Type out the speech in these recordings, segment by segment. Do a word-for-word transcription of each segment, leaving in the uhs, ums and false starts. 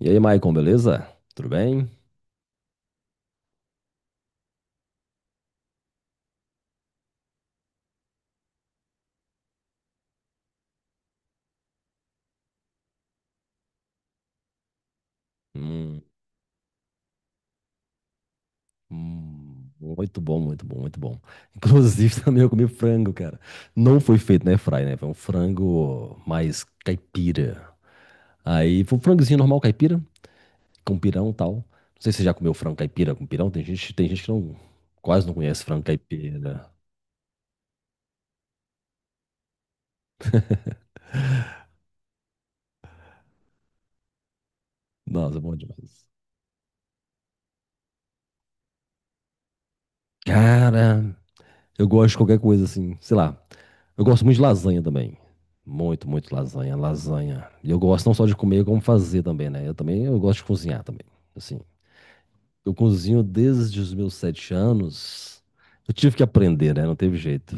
E aí, Maicon, beleza? Tudo bem? Hum, hum, muito bom, muito bom, muito bom. Inclusive, também eu comi frango, cara. Não foi feito na airfry, né? Foi um frango mais caipira. Aí, foi um frangozinho normal caipira, com pirão e tal. Não sei se você já comeu frango caipira com pirão. Tem gente, tem gente que não, quase não conhece frango caipira. Nossa, é bom demais. Cara. Eu gosto de qualquer coisa assim, sei lá. Eu gosto muito de lasanha também. Muito, muito lasanha, lasanha. E eu gosto não só de comer, como fazer também, né? Eu também, eu gosto de cozinhar também. Assim, eu cozinho desde os meus sete anos. Eu tive que aprender, né? Não teve jeito.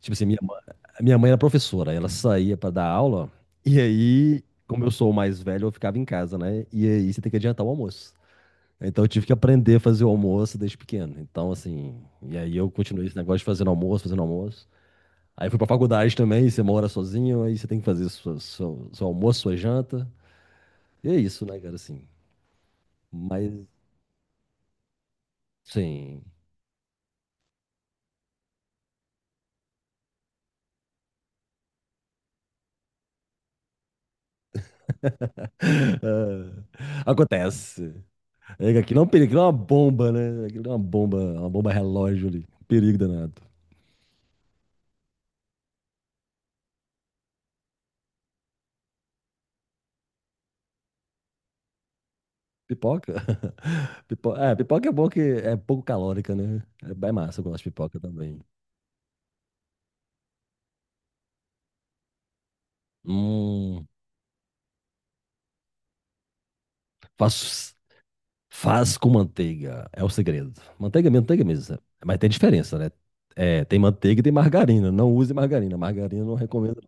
Tipo assim, minha, ma- minha mãe era professora, ela saía pra dar aula, e aí, como eu sou o mais velho, eu ficava em casa, né? E aí você tem que adiantar o almoço. Então eu tive que aprender a fazer o almoço desde pequeno. Então, assim, e aí eu continuei esse negócio de fazendo almoço, fazendo almoço. Aí fui pra faculdade também, você mora sozinho, aí você tem que fazer sua, seu, seu almoço, sua janta. E é isso, né, cara, assim. Mas, sim. Ah, acontece. É que aquilo é um perigo, aquilo é uma bomba, né? Aquilo é uma bomba, uma bomba relógio ali. Um perigo danado. Pipoca? Pipo- É, pipoca é bom que é pouco calórica, né? É bem massa, eu gosto de pipoca também. Hum, faço faz com manteiga, é o segredo. Manteiga, manteiga mesmo, mas tem diferença, né? É, tem manteiga e tem margarina. Não use margarina, margarina eu não recomendo.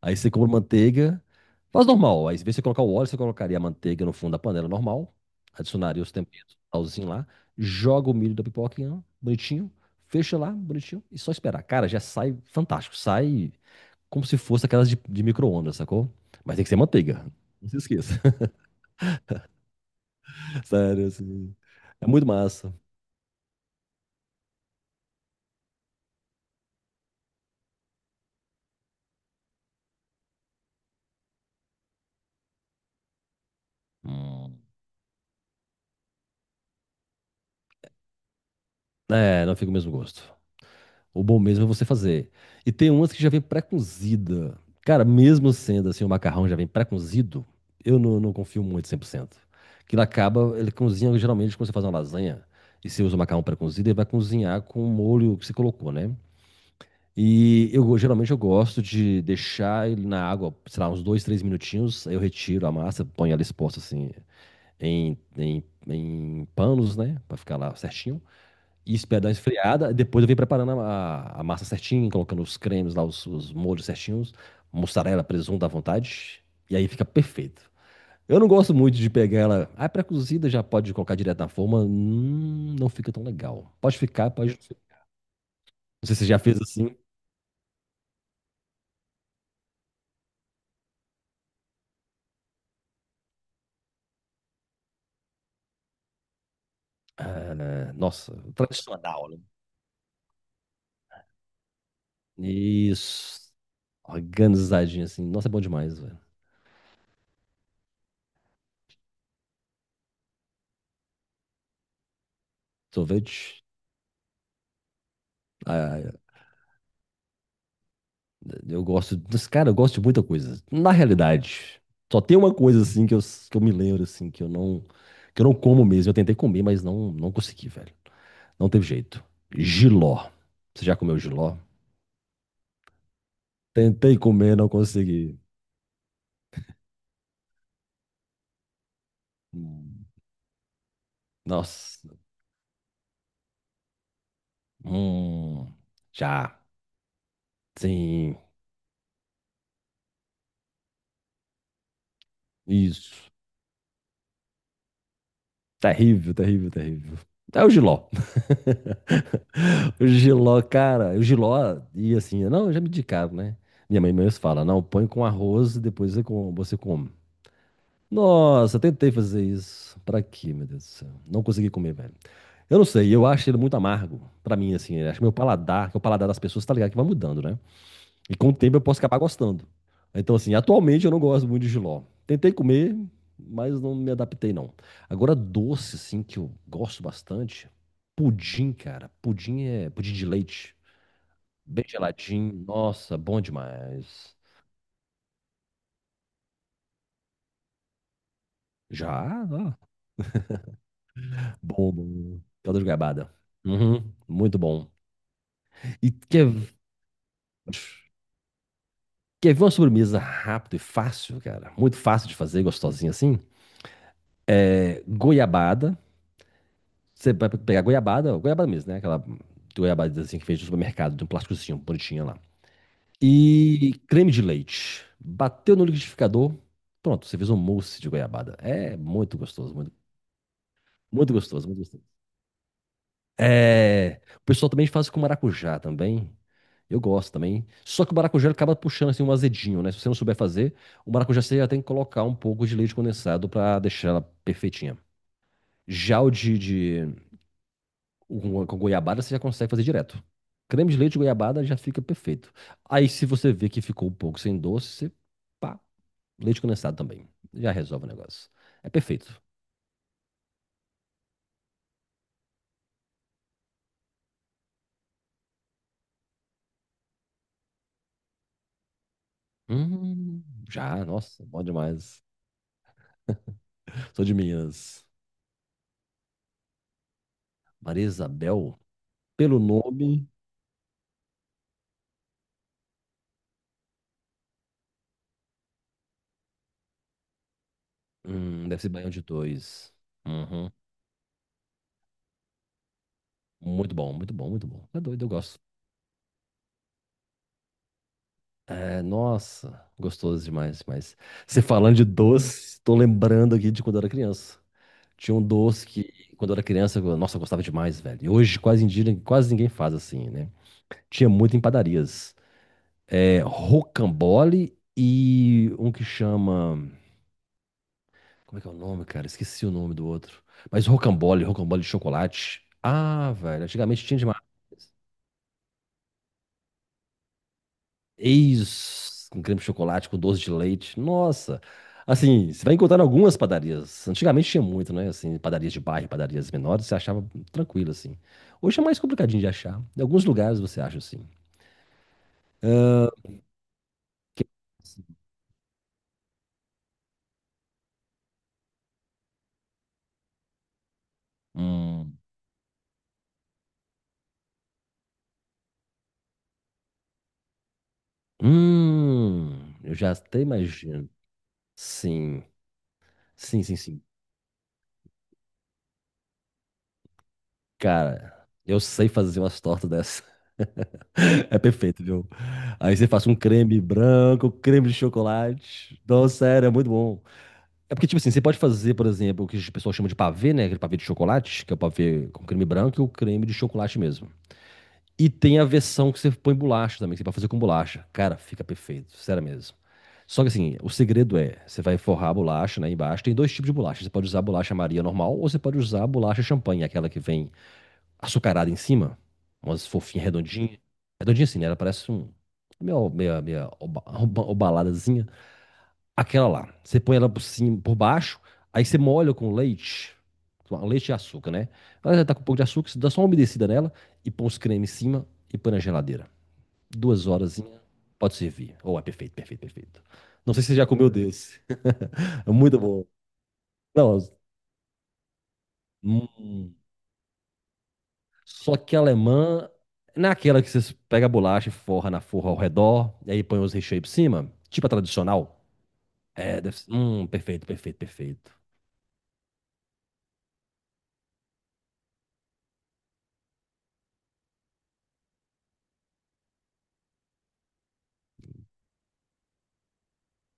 Aí você compra manteiga, faz normal. Aí, em vez de você colocar o óleo, você colocaria a manteiga no fundo da panela normal, adicionaria os temperos, talzinho lá, joga o milho da pipoquinha, bonitinho, fecha lá, bonitinho, e só esperar. Cara, já sai fantástico, sai como se fosse aquelas de, de micro-ondas, sacou? Mas tem que ser manteiga, não se esqueça. Sério, assim. É muito massa. Hum. É, não fica o mesmo gosto. O bom mesmo é você fazer. E tem umas que já vem pré-cozida. Cara, mesmo sendo assim, o macarrão já vem pré-cozido, eu não, não confio muito cem por cento. Que ele acaba, ele cozinha geralmente quando você faz uma lasanha e você usa o macarrão pré-cozido, ele vai cozinhar com o molho que você colocou, né? E eu go- geralmente eu gosto de deixar ele na água, sei lá, uns dois, três minutinhos, aí eu retiro a massa, ponho ela exposta assim em, em, em panos, né? Pra ficar lá certinho e esperar dar uma esfriada. Depois eu venho preparando a, a massa certinha, colocando os cremes lá, os, os molhos certinhos, mussarela, presunto à vontade. E aí fica perfeito. Eu não gosto muito de pegar ela. Ah, é pré-cozida já pode colocar direto na forma. Hum, não fica tão legal. Pode ficar, pode. Não sei se você já fez assim. Ah, nossa, tradicional, né? Isso. Organizadinho assim. Nossa, é bom demais, velho. Sorvete. ah, Eu gosto. dos- Cara, eu gosto de muita coisa. Na realidade, só tem uma coisa assim que eu, que eu me lembro, assim, que eu não. Que eu não como mesmo. Eu tentei comer, mas não, não consegui, velho. Não teve jeito. Jiló. Você já comeu jiló? Tentei comer, não consegui. Hum, Nossa. Hum, já. Sim. Isso. Terrível, terrível, terrível. É o jiló. O Giló, cara, o Giló ia assim, não, eu já me indicaram, né? Minha mãe mesmo fala, não, põe com arroz e depois você com- você come. Nossa, tentei fazer isso. Pra quê, meu Deus do céu? Não consegui comer, velho. Eu não sei, eu acho ele muito amargo. Pra mim, assim, eu acho que meu paladar, que é o paladar das pessoas tá ligado que vai mudando, né? E com o tempo eu posso acabar gostando. Então, assim, atualmente eu não gosto muito de jiló. Tentei comer, mas não me adaptei, não. Agora, doce, assim, que eu gosto bastante. Pudim, cara. Pudim é pudim de leite. Bem geladinho. Nossa, bom demais. Já? Ó. Bom, bom. Caldo de goiabada. Uhum, muito bom. E quer, quer ver uma sobremesa rápido e fácil, cara? Muito fácil de fazer, gostosinha assim? É, goiabada. Você vai pegar goiabada, goiabada mesmo, né? Aquela goiabada assim que fez no supermercado, de um plásticozinho, bonitinha lá. E creme de leite. Bateu no liquidificador. Pronto, você fez um mousse de goiabada. É muito gostoso, muito, muito gostoso, muito gostoso. É, o pessoal também faz com maracujá também. Eu gosto também. Só que o maracujá ele acaba puxando assim um azedinho, né? Se você não souber fazer, o maracujá você já tem que colocar um pouco de leite condensado pra deixar ela perfeitinha. Já o de, de o- com goiabada você já consegue fazer direto. Creme de leite e goiabada já fica perfeito. Aí se você vê que ficou um pouco sem doce, você pá, leite condensado também. Já resolve o negócio. É perfeito. Hum, já, nossa, bom demais. Sou de Minas. Maria Isabel. Pelo nome, hum, deve ser Baião de Dois. Uhum. Muito bom, muito bom, muito bom. É doido, eu gosto. É, nossa, gostoso demais, mas você falando de doce, tô lembrando aqui de quando eu era criança. Tinha um doce que, quando eu era criança, eu- nossa, eu gostava demais, velho. E hoje quase, em dia, quase ninguém faz assim, né? Tinha muito em padarias. É, rocambole e um que chama. Como é que é o nome, cara? Esqueci o nome do outro. Mas rocambole, rocambole de chocolate. Ah, velho, antigamente tinha demais. Eis, com creme de chocolate, com doce de leite. Nossa. Assim, você vai encontrar em algumas padarias. Antigamente tinha muito, né? Assim, padarias de bairro, padarias menores, você achava tranquilo, assim. Hoje é mais complicadinho de achar. Em alguns lugares você acha, assim. Que- assim, hum, hum, eu já até imagino. Sim, sim, sim, sim. Cara, eu sei fazer umas tortas dessas. É perfeito, viu? Aí você faz um creme branco, creme de chocolate. Nossa, sério, é muito bom. É porque, tipo assim, você pode fazer, por exemplo, o que o pessoal chama de pavê, né? Aquele pavê de chocolate, que é o pavê com creme branco e o creme de chocolate mesmo. E tem a versão que você põe bolacha também, que você pode fazer com bolacha. Cara, fica perfeito, sério mesmo. Só que assim, o segredo é, você vai forrar a bolacha, né, embaixo. Tem dois tipos de bolacha. Você pode usar a bolacha Maria normal ou você pode usar a bolacha champanhe, aquela que vem açucarada em cima, umas fofinhas redondinhas. Redondinha assim, né? Ela parece um meio meio, meio oba, oba- obaladazinha. Aquela lá. Você põe ela por cima, por baixo, aí você molha com leite, com leite e açúcar, né? Ela já tá com um pouco de açúcar, você dá só uma umedecida nela e põe os cremes em cima e põe na geladeira. Duas horas, pode servir. Oh, é perfeito, perfeito, perfeito. Não sei se você já comeu desse. É muito bom. Não, hum, só que a alemã, naquela que você pega a bolacha e forra na forra ao redor, e aí põe os recheios por cima, tipo a tradicional. É, deve ser. Hum, perfeito, perfeito, perfeito.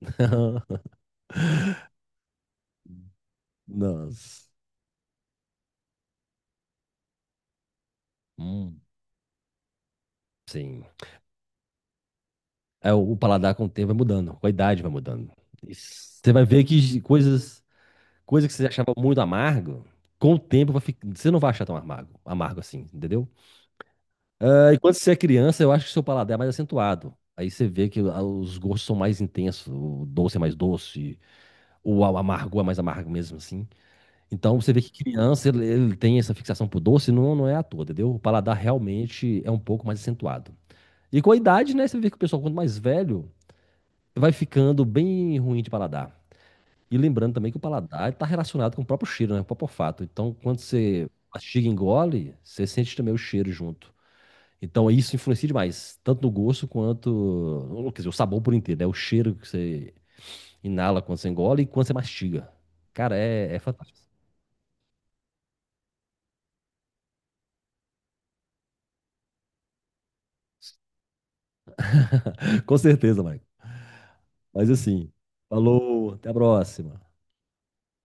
Nossa. Hum, sim. É, o o paladar com o tempo vai mudando, com a idade vai mudando. E você vai ver que coisas, coisas que você achava muito amargo, com o tempo vai ficar, você não vai achar tão amargo, amargo assim, entendeu? É, e quando você é criança, eu acho que seu paladar é mais acentuado. Aí você vê que ah, os gostos são mais intensos, o doce é mais doce, o a- amargo é mais amargo mesmo, assim. Então você vê que criança ele, ele tem essa fixação por doce, não, não é à toa, entendeu? O paladar realmente é um pouco mais acentuado. E com a idade, né, você vê que o pessoal quanto mais velho vai ficando bem ruim de paladar. E lembrando também que o paladar está relacionado com o próprio cheiro, né? Com o próprio olfato. Então, quando você mastiga e engole, você sente também o cheiro junto. Então, isso influencia demais, tanto no gosto quanto, ou, quer dizer, o sabor por inteiro, né? O cheiro que você inala quando você engole e quando você mastiga. Cara, é, é fantástico. Com certeza, Mike. Mas assim, falou, até a próxima.